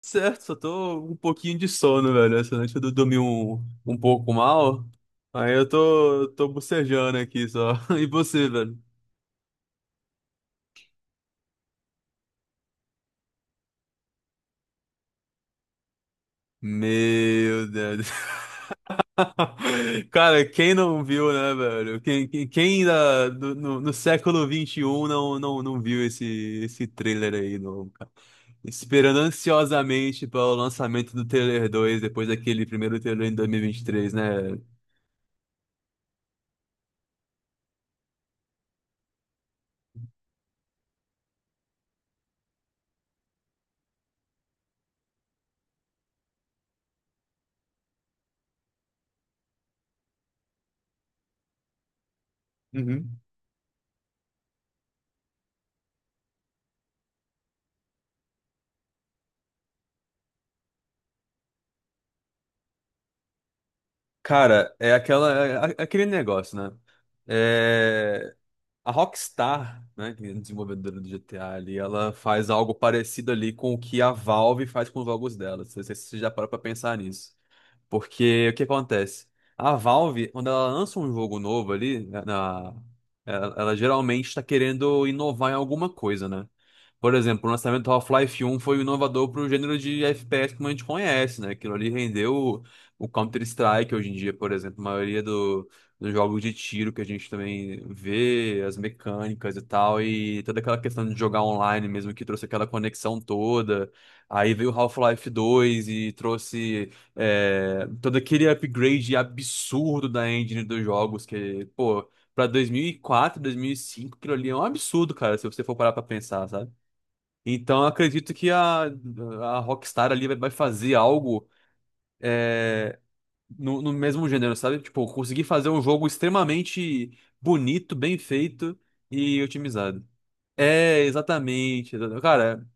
Certo, só tô um pouquinho de sono, velho. Essa noite eu dormi um pouco mal. Aí eu tô bocejando aqui só. E você, velho? Meu Deus. Cara, quem não viu, né, velho? Quem ainda no século XXI não viu esse trailer aí, não, cara? Esperando ansiosamente para o lançamento do trailer 2 depois daquele primeiro trailer em 2023, né? Uhum. Cara, é aquele negócio, né? É, a Rockstar, né, que é a desenvolvedora do GTA ali, ela faz algo parecido ali com o que a Valve faz com os jogos dela. Não sei se você já parou pra pensar nisso. Porque o que acontece? A Valve, quando ela lança um jogo novo ali, ela geralmente está querendo inovar em alguma coisa, né? Por exemplo, o lançamento do Half-Life um foi inovador para o gênero de FPS como a gente conhece, né? Aquilo ali rendeu o Counter-Strike hoje em dia, por exemplo. A maioria dos jogos de tiro que a gente também vê, as mecânicas e tal, e toda aquela questão de jogar online mesmo, que trouxe aquela conexão toda. Aí veio o Half-Life 2 e trouxe. É, todo aquele upgrade absurdo da engine dos jogos, que, pô, pra 2004, 2005, aquilo ali é um absurdo, cara, se você for parar pra pensar, sabe? Então, eu acredito que a Rockstar ali vai fazer algo, é, no mesmo gênero, sabe? Tipo, conseguir fazer um jogo extremamente bonito, bem feito e otimizado. É, exatamente. Cara,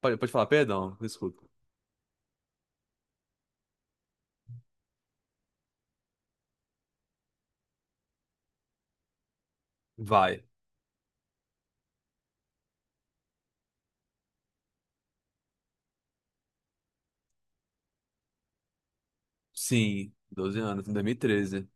pode falar, perdão, desculpa. Vai. Sim, 12 anos, em 2013.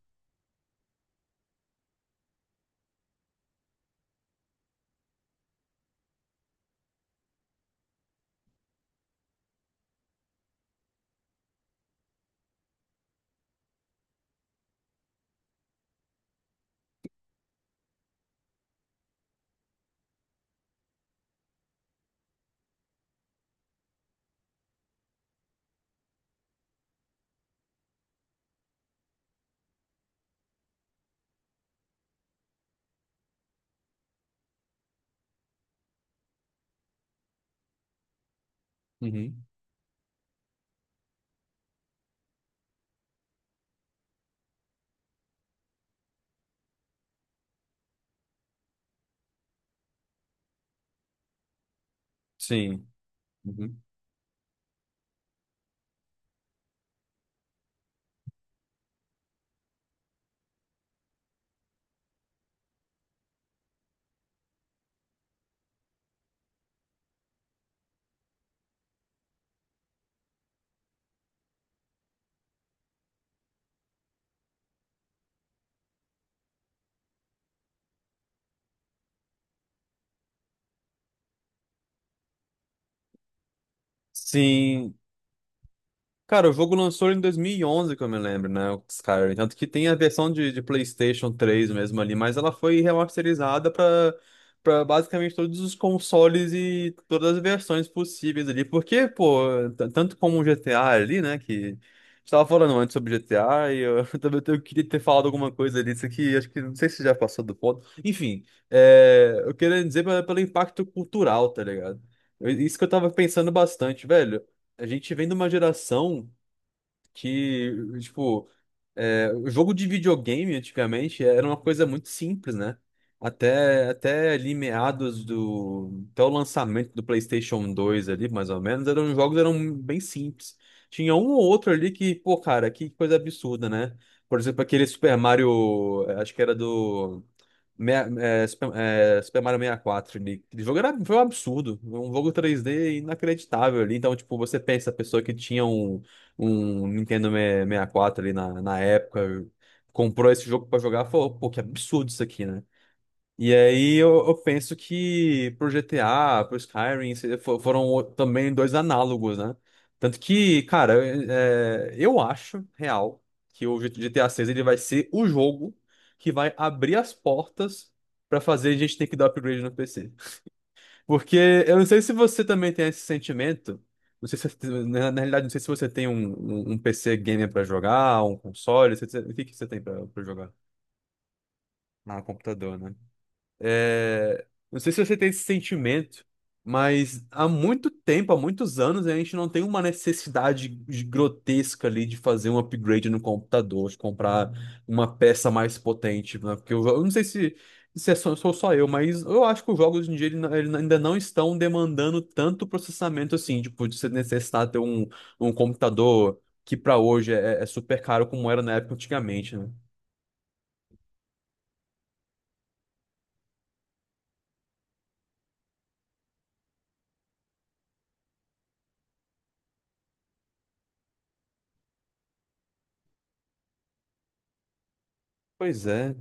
Sim. Uhum. Sim. Cara, o jogo lançou em 2011, que eu me lembro, né? O Skyrim. Tanto que tem a versão de PlayStation 3 mesmo ali, mas ela foi remasterizada pra basicamente todos os consoles e todas as versões possíveis ali. Porque, pô, tanto como o GTA ali, né? Que a gente tava falando antes sobre GTA e eu também eu queria ter falado alguma coisa disso aqui. Acho que não sei se já passou do ponto. Enfim, eu queria dizer pelo impacto cultural, tá ligado? Isso que eu tava pensando bastante, velho. A gente vem de uma geração que, tipo, o jogo de videogame antigamente era uma coisa muito simples, né? Até ali meados do, até o lançamento do PlayStation 2 ali, mais ou menos, eram os jogos eram bem simples. Tinha um ou outro ali que, pô, cara, que coisa absurda, né? Por exemplo, aquele Super Mario, acho que era do, Super Mario 64 ali. Aquele jogo foi um absurdo. Um jogo 3D inacreditável ali. Então, tipo, você pensa, a pessoa que tinha um Nintendo 64 ali na época, comprou esse jogo pra jogar, falou, pô, que absurdo isso aqui, né? E aí eu penso que pro GTA, pro Skyrim, foram também dois análogos, né? Tanto que, cara, eu acho real que o GTA 6 ele vai ser o jogo que vai abrir as portas pra fazer a gente ter que dar upgrade no PC. Porque eu não sei se você também tem esse sentimento. Não sei se, na realidade, não sei se você tem um PC gamer pra jogar, um console. O que que você tem pra jogar? Ah, computador, não sei se você tem esse sentimento, mas há muito tempo, há muitos anos, a gente não tem uma necessidade grotesca ali de fazer um upgrade no computador, de comprar uma peça mais potente, né? Porque eu não sei se sou só eu, mas eu acho que os jogos hoje em dia ele ainda não estão demandando tanto processamento assim, tipo, de você necessitar ter um computador que para hoje é super caro como era na época antigamente, né? Pois é.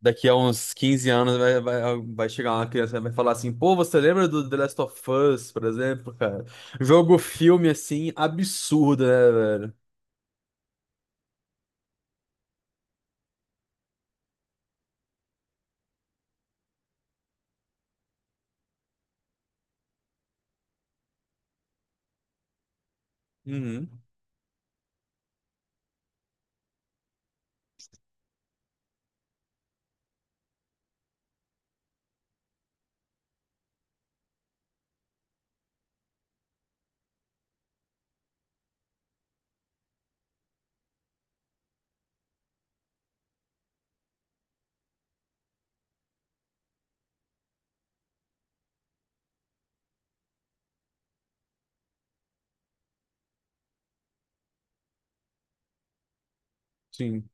Daqui a uns 15 anos vai chegar uma criança e vai falar assim: pô, você lembra do The Last of Us, por exemplo, cara? Jogo filme assim, absurdo, né, velho? Uhum, sim.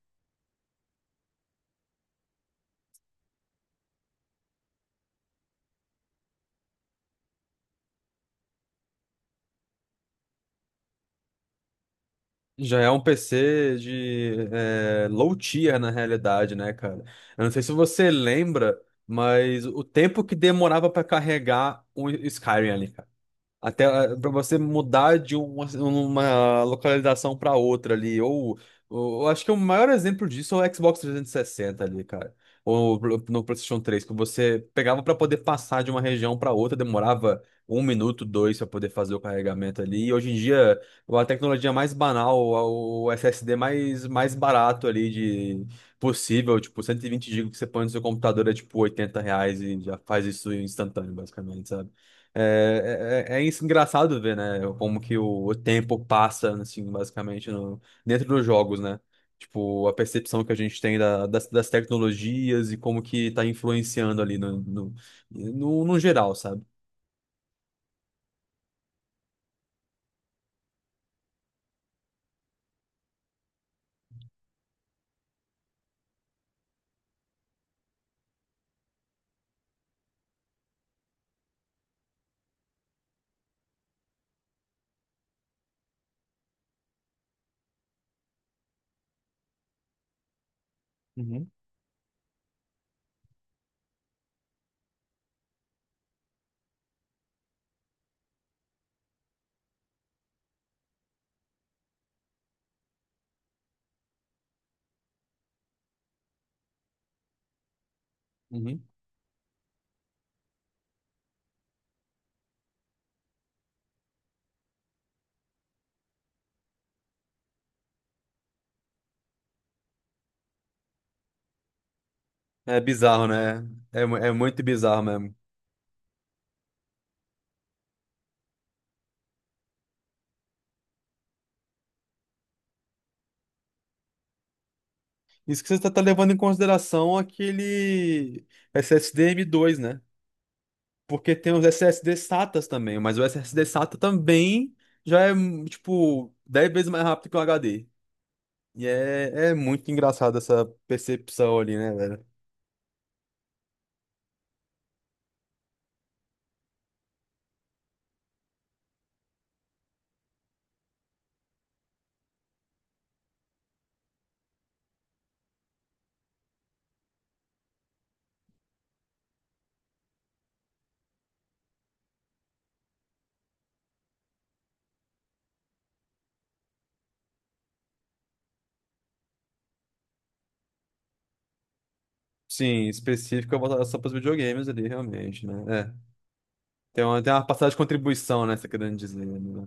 Já é um PC de low tier na realidade, né, cara? Eu não sei se você lembra, mas o tempo que demorava pra carregar o Skyrim ali, até para você mudar de uma localização para outra ali. Eu acho que o maior exemplo disso é o Xbox 360 ali, cara. Ou no PlayStation 3, que você pegava para poder passar de uma região para outra, demorava um minuto, dois para poder fazer o carregamento ali. E hoje em dia, a tecnologia mais banal, o SSD mais barato ali de possível, tipo 120 gigas que você põe no seu computador é tipo R$ 80 e já faz isso instantâneo, basicamente. É isso engraçado ver, né? Como que o tempo passa, assim, basicamente, no, dentro dos jogos, né? Tipo, a percepção que a gente tem das tecnologias e como que tá influenciando ali no geral, sabe? Uhum, uhum. É bizarro, né? É muito bizarro mesmo. Isso que você tá levando em consideração aquele SSD M.2, né? Porque tem os SSD SATAs também, mas o SSD SATA também já é, tipo, 10 vezes mais rápido que o HD. E é muito engraçado essa percepção ali, né, velho? Sim, específica voltada só para os videogames ali, realmente, né? É. Tem uma passagem de contribuição, né, você querendo dizer, né?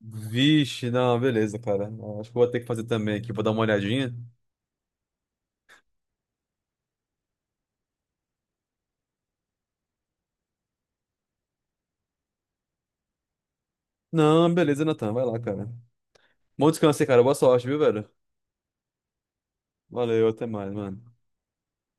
Vixe, não, beleza, cara. Acho que eu vou ter que fazer também aqui, vou dar uma olhadinha. Não, beleza, Natan, vai lá, cara. Bom descanso aí, cara. Boa sorte, viu, velho? Valeu, até mais, mano.